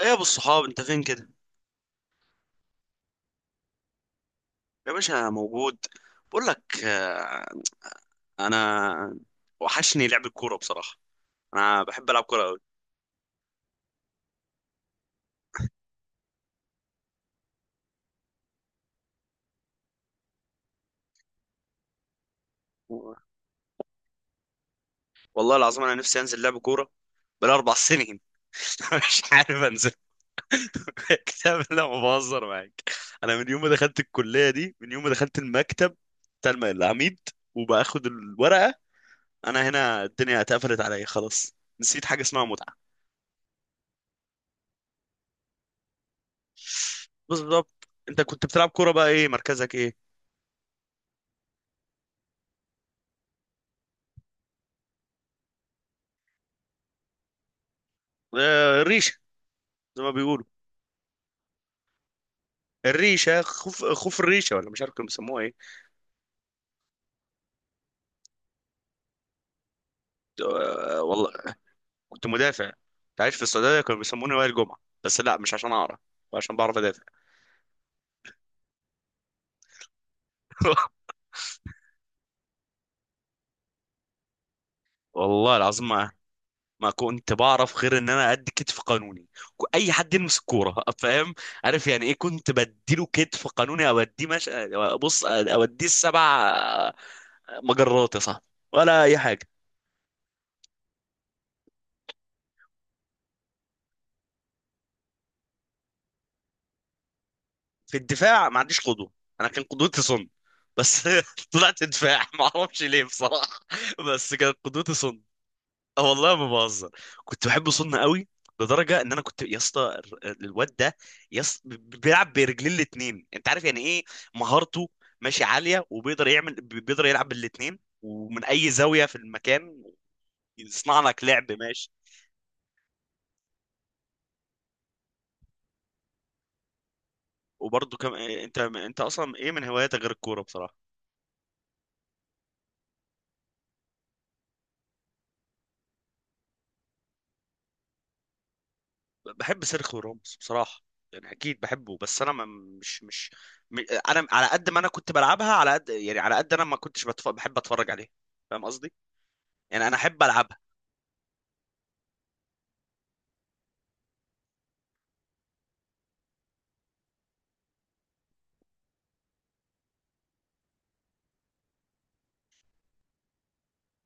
ايه يا ابو الصحاب، انت فين كده؟ يا باشا، أنا موجود. بقول لك، انا وحشني لعب الكوره بصراحه. انا بحب العب كوره قوي. والله العظيم انا نفسي انزل لعب كوره بال4 سنين. مش عارف انزل. كتاب، لا ما بهزر معاك. انا من يوم ما دخلت الكليه دي، من يوم ما دخلت المكتب بتاع العميد وباخد الورقه. انا هنا الدنيا اتقفلت عليا خلاص، نسيت حاجه اسمها متعه. بالظبط، انت كنت بتلعب كوره بقى، ايه مركزك ايه؟ الريشه زي ما بيقولوا. الريشه خوف خوف، الريشه، ولا مش عارف كانوا بيسموها ايه. والله كنت مدافع. كنت عايش في السعوديه، كانوا بيسموني وائل جمعه. بس لا مش عشان اعرف، عشان بعرف ادافع. والله العظيم ما كنت بعرف غير ان انا ادي كتف قانوني، اي حد يلمس الكوره. فاهم، عارف يعني ايه؟ كنت بديله كتف قانوني او اديه، مش، بص اوديه السبع مجرات يا صاحبي ولا اي حاجه. في الدفاع ما عنديش قدوه. انا كان قدوتي صن، بس طلعت دفاع ما اعرفش ليه بصراحه، بس كانت قدوتي صن. اه والله ما بهزر، كنت بحب صن قوي. لدرجه ان انا كنت يا اسطى، الواد ده، يا اسطى بيلعب برجلين الاتنين انت عارف يعني ايه مهارته؟ ماشي، عاليه، وبيقدر يعمل، بيقدر يلعب بالاتنين ومن اي زاويه في المكان يصنع لك لعب ماشي. وبرضه، كم انت انت اصلا ايه من هواياتك غير الكوره بصراحه؟ بحب سيرخيو راموس بصراحة، يعني أكيد بحبه، بس أنا ما مش مش م- أنا على قد ما أنا كنت بلعبها، على قد يعني، على قد أنا ما كنتش بحب أتفرج عليها. فاهم قصدي؟ يعني أنا أحب ألعبها.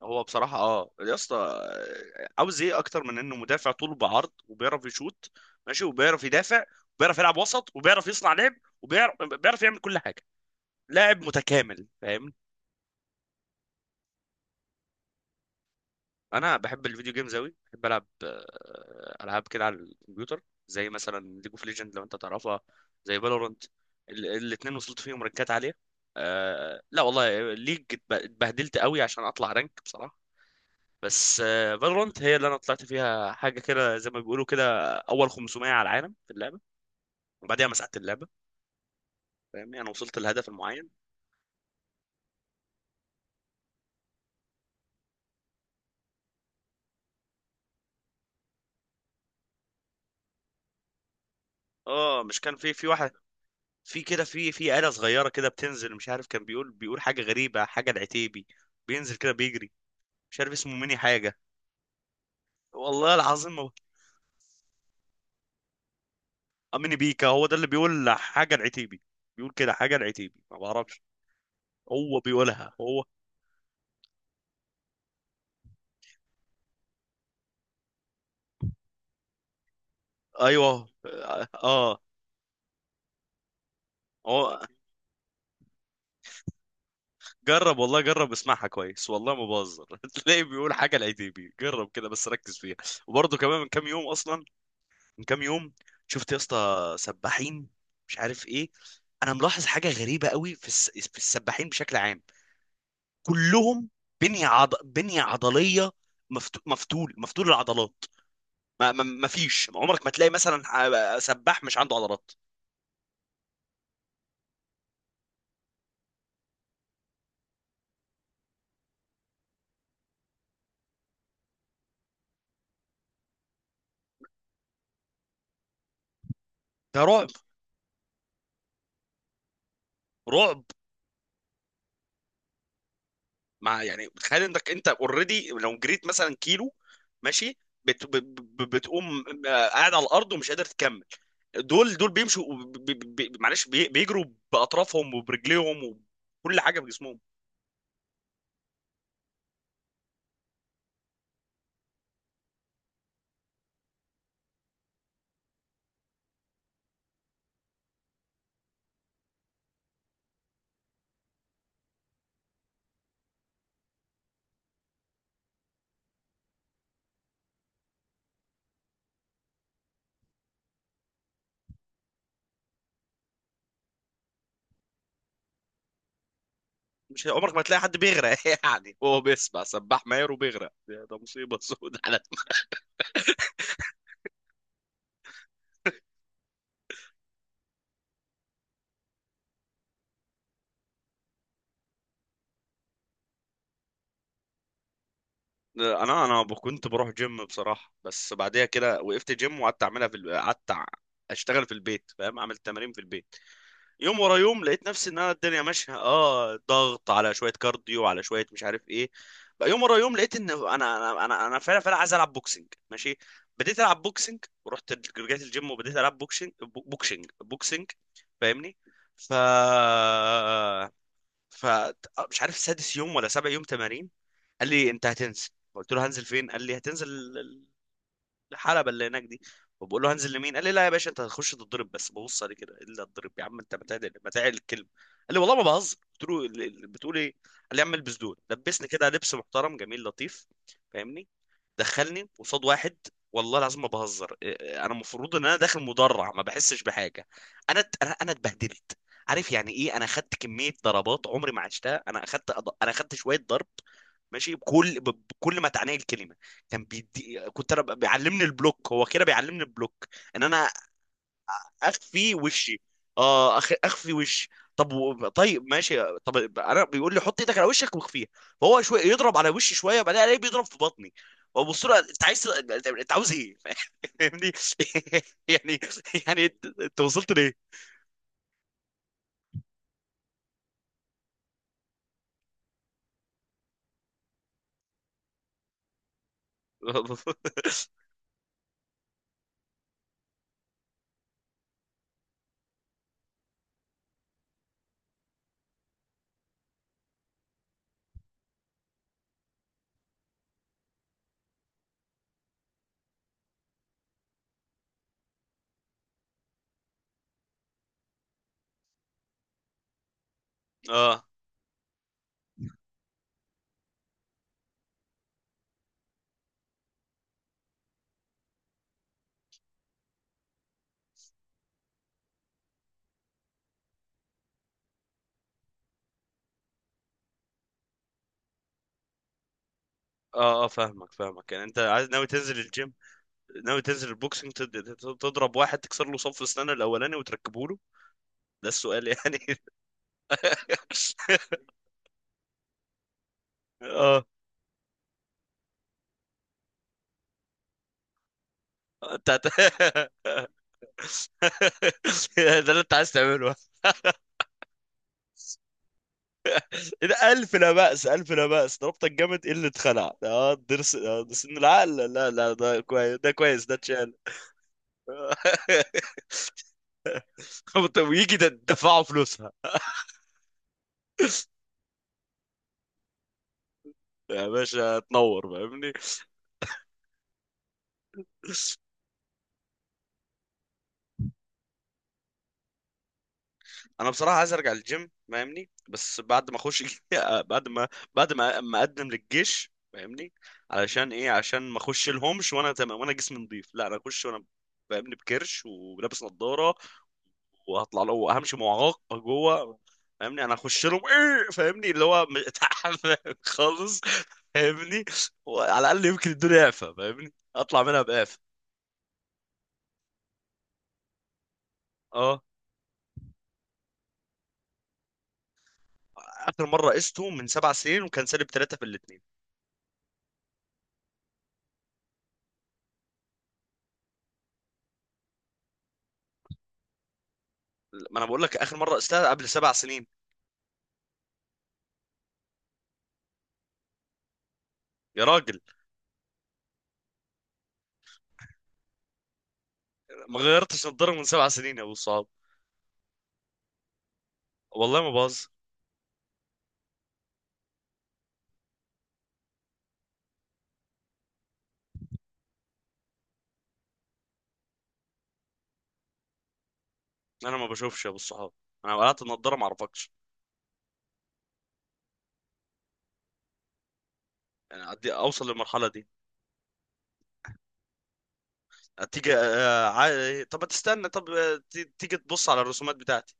هو بصراحة يا اسطى، عاوز إيه أكتر من إنه مدافع؟ طوله بعرض وبيعرف يشوط ماشي، وبيعرف يدافع، وبيعرف يلعب وسط، وبيعرف يصنع لعب، وبيعرف يعمل كل حاجة. لاعب متكامل، فاهمني؟ انا بحب الفيديو جيمز اوي، بحب العب العاب كده على الكمبيوتر، زي مثلا ليج اوف ليجند لو انت تعرفها، زي فالورنت. الاثنين وصلت فيهم رانكات عاليه. لا والله ليج اتبهدلت قوي عشان اطلع رانك بصراحه، بس فالورنت هي اللي انا طلعت فيها حاجه كده، زي ما بيقولوا كده، اول 500 على العالم في اللعبه، وبعديها مسحت اللعبه. فاهمني، انا وصلت لهدف معين. اه، مش كان في واحد، في كده، في آلة صغيرة كده بتنزل، مش عارف، كان بيقول حاجة غريبة، حاجة العتيبي، بينزل كده بيجري، مش عارف اسمه ميني حاجه، والله العظيم هو. ميني بيكا هو ده اللي بيقول حاجه العتيبي، بيقول كده حاجه العتيبي، ما بعرفش، هو بيقولها هو. ايوه، اه، آه. هو جرب والله، جرب اسمعها كويس والله ما بهزر. تلاقي بيقول حاجه العتيبي، جرب كده بس ركز فيها. وبرضه كمان، من كام يوم اصلا، من كام يوم، شفت يا اسطى سباحين مش عارف ايه. انا ملاحظ حاجه غريبه قوي في في السباحين بشكل عام، كلهم بنيه عضليه، مفتول العضلات. ما فيش عمرك ما تلاقي مثلا سباح مش عنده عضلات. ده رعب، رعب. يعني تخيل انك انت اوريدي لو جريت مثلا كيلو ماشي، بتقوم قاعد على الارض ومش قادر تكمل. دول بيمشوا بيجروا باطرافهم وبرجليهم وكل حاجه بجسمهم. مش عمرك ما تلاقي حد بيغرق، يعني هو بيسبح سباح ماهر وبيغرق، ده مصيبه سود على. انا كنت بروح جيم بصراحه، بس بعديها كده وقفت جيم وقعدت اعملها في اشتغل في البيت، فاهم، اعمل تمارين في البيت، يوم ورا يوم. لقيت نفسي ان انا الدنيا ماشيه، ضغط على شويه كارديو، على شويه مش عارف ايه. بقى يوم ورا يوم لقيت ان انا فعلا فعلا عايز العب بوكسنج ماشي. بديت العب بوكسنج، ورحت رجعت الجيم وبديت العب بوكسنج. بوكسنج بوكسنج، فاهمني. ف فمش عارف سادس يوم ولا سابع يوم تمارين، قال لي انت هتنزل. قلت له هنزل فين؟ قال لي هتنزل الحلبة اللي هناك دي. وبقول له هنزل لمين؟ قال لي لا يا باشا، انت هتخش تتضرب بس ببص عليه كده. الا تضرب يا عم، انت بتعدل الكلمه. قال لي والله ما بهزر. قلت له بتقول ايه؟ قال لي يا عم البس دول، لبسني كده لبس محترم جميل لطيف، فاهمني. دخلني قصاد واحد، والله العظيم ما بهزر. انا المفروض ان انا داخل مدرع ما بحسش بحاجه. انا ات- انا أنا اتبهدلت، عارف يعني ايه، انا اخدت كميه ضربات عمري ما عشتها، انا اخدت شويه ضرب ماشي، بكل ما تعنيه الكلمه. كان بيدي، بيعلمني البلوك، هو كده بيعلمني البلوك، ان انا اخفي وشي. اه، اخفي وشي. طيب ماشي. طب انا بيقول لي حط ايدك على وشك واخفيها، فهو شويه يضرب على وشي، شويه بعدين الاقيه بيضرب في بطني، وابص له، انت عاوز ايه؟ فاهمني، يعني، يعني أنت وصلت ليه؟ اه، اه، اه، فاهمك، فاهمك، يعني انت عايز، ناوي تنزل الجيم، ناوي تنزل البوكسنج، تضرب واحد تكسر له صف اسنانه الاولاني وتركبه له. ده السؤال يعني. اه انت. ده اللي انت عايز تعمله؟ إيه ده، ألف لا بأس، ألف لا بأس، ضربت الجامد، إيه اللي اتخلع؟ اه درس، ده سن العقل، لا لا، ده كويس، ده كويس، ده اتشال. طب ويجي ده دفعوا فلوسها؟ يا باشا تنور، فاهمني. انا بصراحه عايز ارجع للجيم فاهمني، بس بعد ما اخش، بعد ما بعد ما ما اقدم للجيش فاهمني. علشان ايه؟ عشان ما اخش لهمش وانا تمام وانا جسمي نظيف، لا انا اخش وانا، فاهمني، بكرش ولابس نظاره، وهطلع له وهمشي معاق جوه، فاهمني. انا اخش لهم ايه؟ فاهمني، اللي هو تعبان خالص، فاهمني. وعلى الاقل يمكن الدنيا اعفى فاهمني، اطلع منها بقافه. اه، اخر مره قسته من 7 سنين وكان سالب ثلاثه في الاثنين. ما انا بقول لك اخر مره قستها قبل 7 سنين، يا راجل. ما غيرتش نضاره من 7 سنين يا ابو الصحاب. والله ما باظ. انا ما بشوفش يا ابو الصحاب، انا قلعت النضاره ما اعرفكش، يعني اوصل للمرحله دي. طب ما تستنى، طب تيجي تبص على الرسومات بتاعتي.